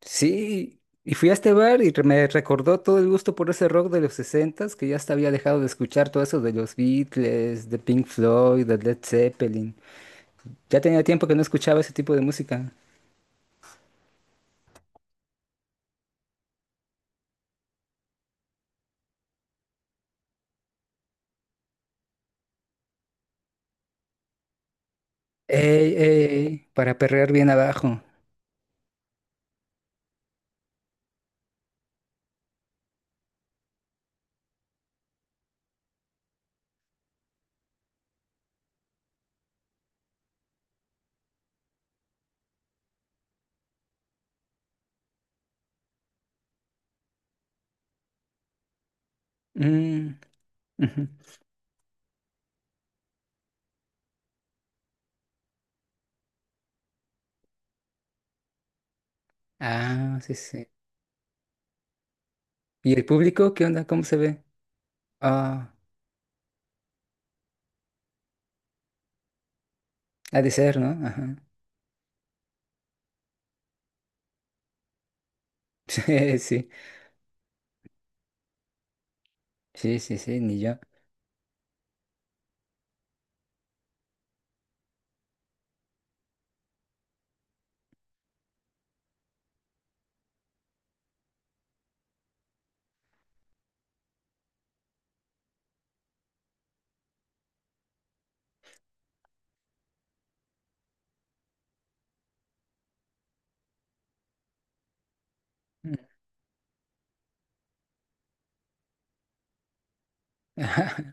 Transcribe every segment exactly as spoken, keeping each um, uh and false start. Sí, y fui a este bar y re- me recordó todo el gusto por ese rock de los sesentas que ya hasta había dejado de escuchar todo eso de los Beatles, de Pink Floyd, de Led Zeppelin. Ya tenía tiempo que no escuchaba ese tipo de música. Ey, ey, ey, para perrear bien abajo. Mm, ujú. Ah, sí, sí. ¿Y el público qué onda? ¿Cómo se ve? Ah, ha de ser, ¿no? Ajá. Sí, sí, sí, sí, sí, ni yo.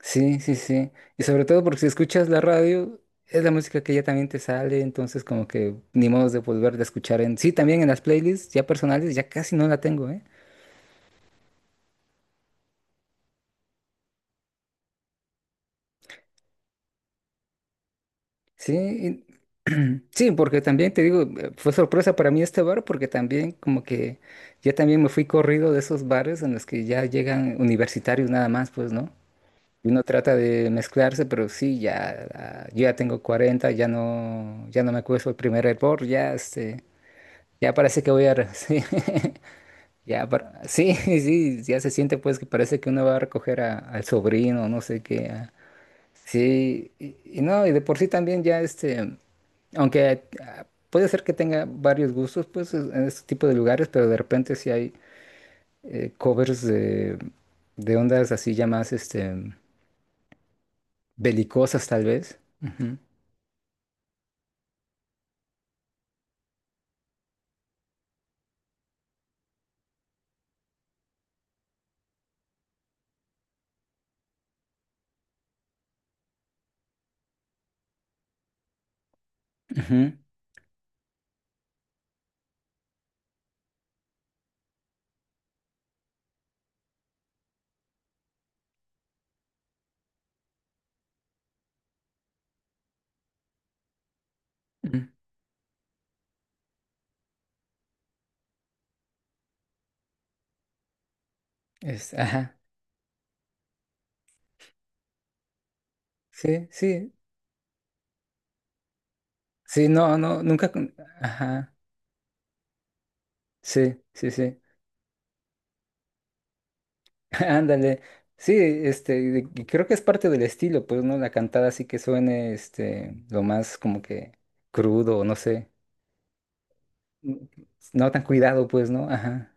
Sí, sí, sí. Y sobre todo porque si escuchas la radio, es la música que ya también te sale, entonces como que ni modo de volver a escuchar en... Sí, también en las playlists ya personales, ya casi no la tengo, ¿eh? Sí, y- sí, porque también te digo, eh, fue sorpresa para mí este bar porque también como que ya también me fui corrido de esos bares en los que ya llegan universitarios nada más, pues, ¿no? Y uno trata de mezclarse, pero sí, ya, ah, yo ya tengo cuarenta, ya no, ya no me acuesto el primer hervor, ya este... Ya parece que voy a... re- Sí, ya para- sí, sí, ya se siente pues que parece que uno va a recoger a- al sobrino, no sé qué. a- Sí, y, y no, y de por sí también ya este, aunque ah, puede ser que tenga varios gustos pues es- en este tipo de lugares, pero de repente sí hay eh, covers de, de ondas así ya más este, belicosas tal vez. Ujú. Ujú, ujú, es- ajá. Sí, sí. Sí, no, no, nunca. con- Ajá. Sí, sí, sí. Ándale. Sí, este, de- y creo que es parte del estilo, pues, ¿no? La cantada así que suene, este, lo más como que crudo, o no sé, n- no tan cuidado, pues, ¿no? Ajá.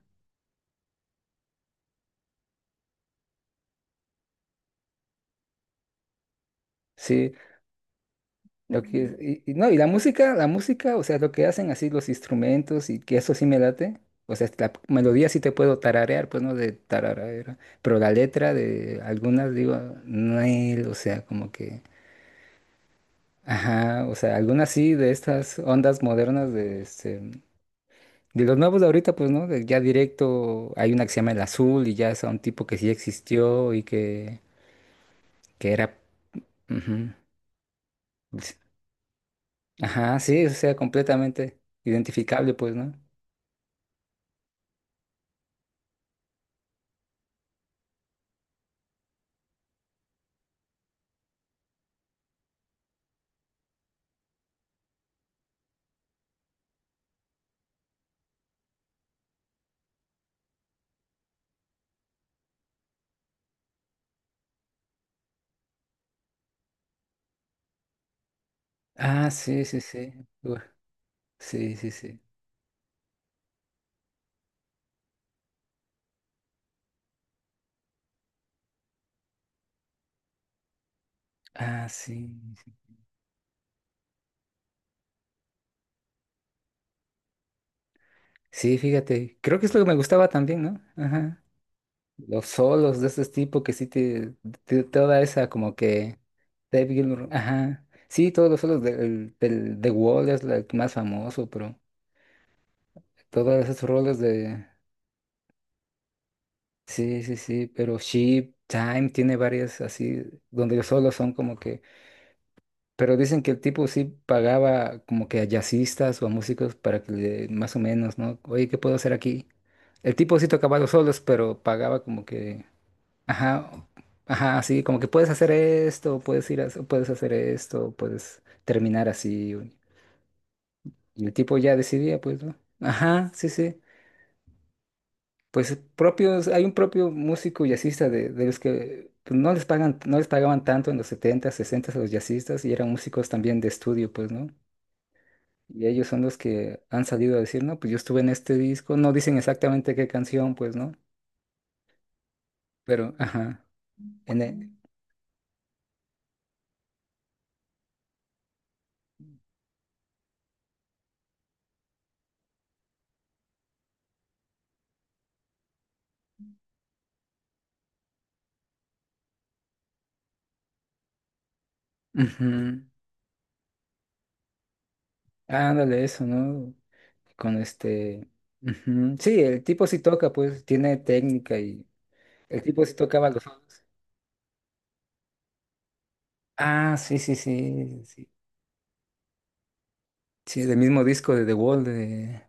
Sí, lo que es- Mm. Y, y no, y la música, la música, o sea, lo que hacen así los instrumentos y que eso sí me late, o sea, la melodía sí te puedo tararear, pues, ¿no? De tararara, pero la letra de algunas, digo, Nel, o sea, como que... Ajá, o sea, algunas sí de estas ondas modernas de este, de los nuevos de ahorita, pues, ¿no? De- Ya directo hay una que se llama El Azul y ya es a un tipo que sí existió y que, que era... Ujú. Pues, ajá, sí, o sea, completamente identificable, pues, ¿no? Ah, sí, sí, sí. Ua, sí, sí, sí. Ah, sí. Sí, fíjate. Creo que es lo que me gustaba también, ¿no? Ajá. Los solos de ese tipo que sí te, te- toda esa como que Dave Gilmour, ajá. Sí, todos los solos del, del, The Wall es la- el más famoso, pero todas esas rolas de... Sí, sí, sí, pero Sheep, Time tiene varias así, donde solo son como que... Pero dicen que el tipo sí pagaba como que a jazzistas o a músicos para que le, más o menos, ¿no? Oye, ¿qué puedo hacer aquí? El tipo sí tocaba los solos, pero pagaba como que... Ajá, ajá, sí, como que puedes hacer esto, puedes ir a, puedes hacer esto, puedes terminar así. Y el tipo ya decidía, pues, ¿no? Ajá, sí, sí. Pues propios, hay un propio músico jazzista de, de los que pues, no les pagan, no les pagaban tanto en los setenta, sesenta a los jazzistas y eran músicos también de estudio, pues, ¿no? Y ellos son los que han salido a decir, no, pues yo estuve en este disco, no dicen exactamente qué canción, pues, ¿no? Pero, ajá, en el... Ujú. Ándale, eso, ¿no? Con este... Ujú. Sí, el tipo sí toca, pues, tiene técnica y el tipo sí tocaba los... solos. Ah, sí, sí, sí, sí. Sí, del mismo disco de The Wall de...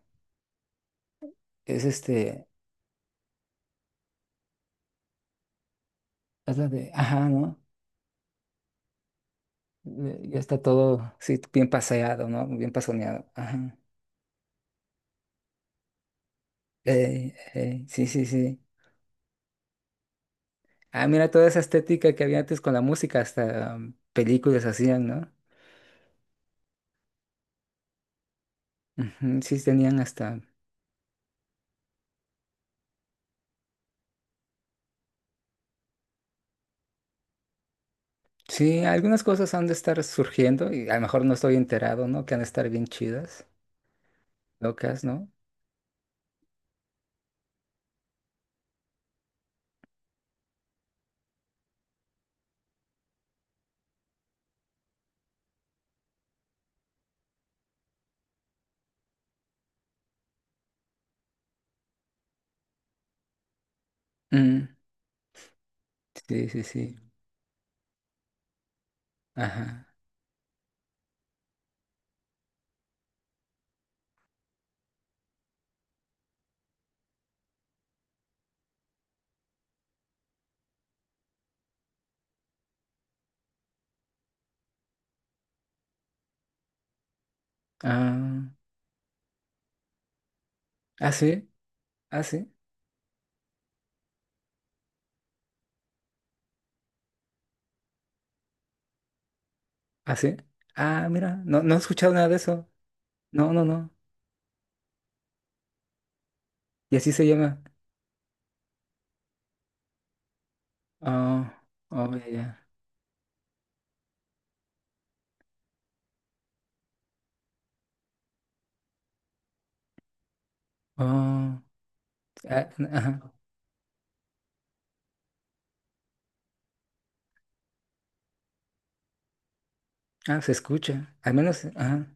es este, es la de, ajá, ¿no? Eh, ya está todo, sí, bien paseado, ¿no? Bien pasoneado. Ajá. Ey, ey, sí, sí, sí. Ah, mira toda esa estética que había antes con la música, hasta um, películas hacían, ¿no? Ujú, sí, tenían hasta... Sí, algunas cosas han de estar surgiendo y a lo mejor no estoy enterado, ¿no? Que han de estar bien chidas, locas, ¿no? Mm, sí, sí, sí. Ajá. Ah, ah, sí, ah, sí, ah, sí. Ah, mira, no, no he escuchado nada de eso. No, no, no. Y así se llama. Oh, oh, ya, ya. Oh, ah, ajá. Ah, se escucha. Al menos, ajá.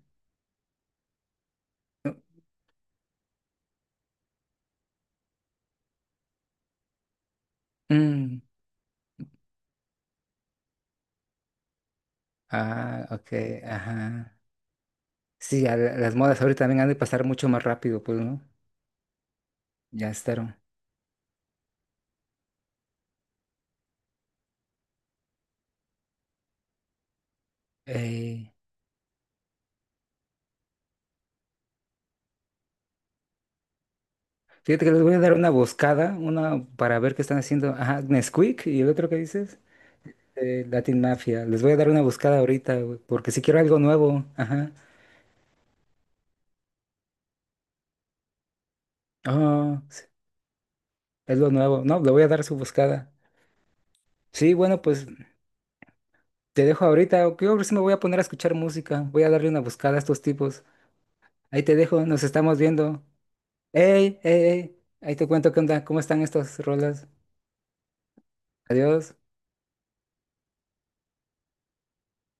Mm, ah, ok, ajá. Sí, a la- las modas ahorita también han de pasar mucho más rápido, pues, ¿no? Ya estaron. Eh, Fíjate que les voy a dar una buscada, una para ver qué están haciendo. Ajá, Nesquik y el otro que dices, eh, Latin Mafia. Les voy a dar una buscada ahorita, güey, porque si quiero algo nuevo, ajá. Oh, sí, es lo nuevo. No, le voy a dar su buscada. Sí, bueno, pues. Te dejo ahorita, o creo que sí me voy a poner a escuchar música. Voy a darle una buscada a estos tipos. Ahí te dejo, nos estamos viendo. ¡Ey, ey, ey! Ahí te cuento qué onda, cómo están estas rolas. Adiós.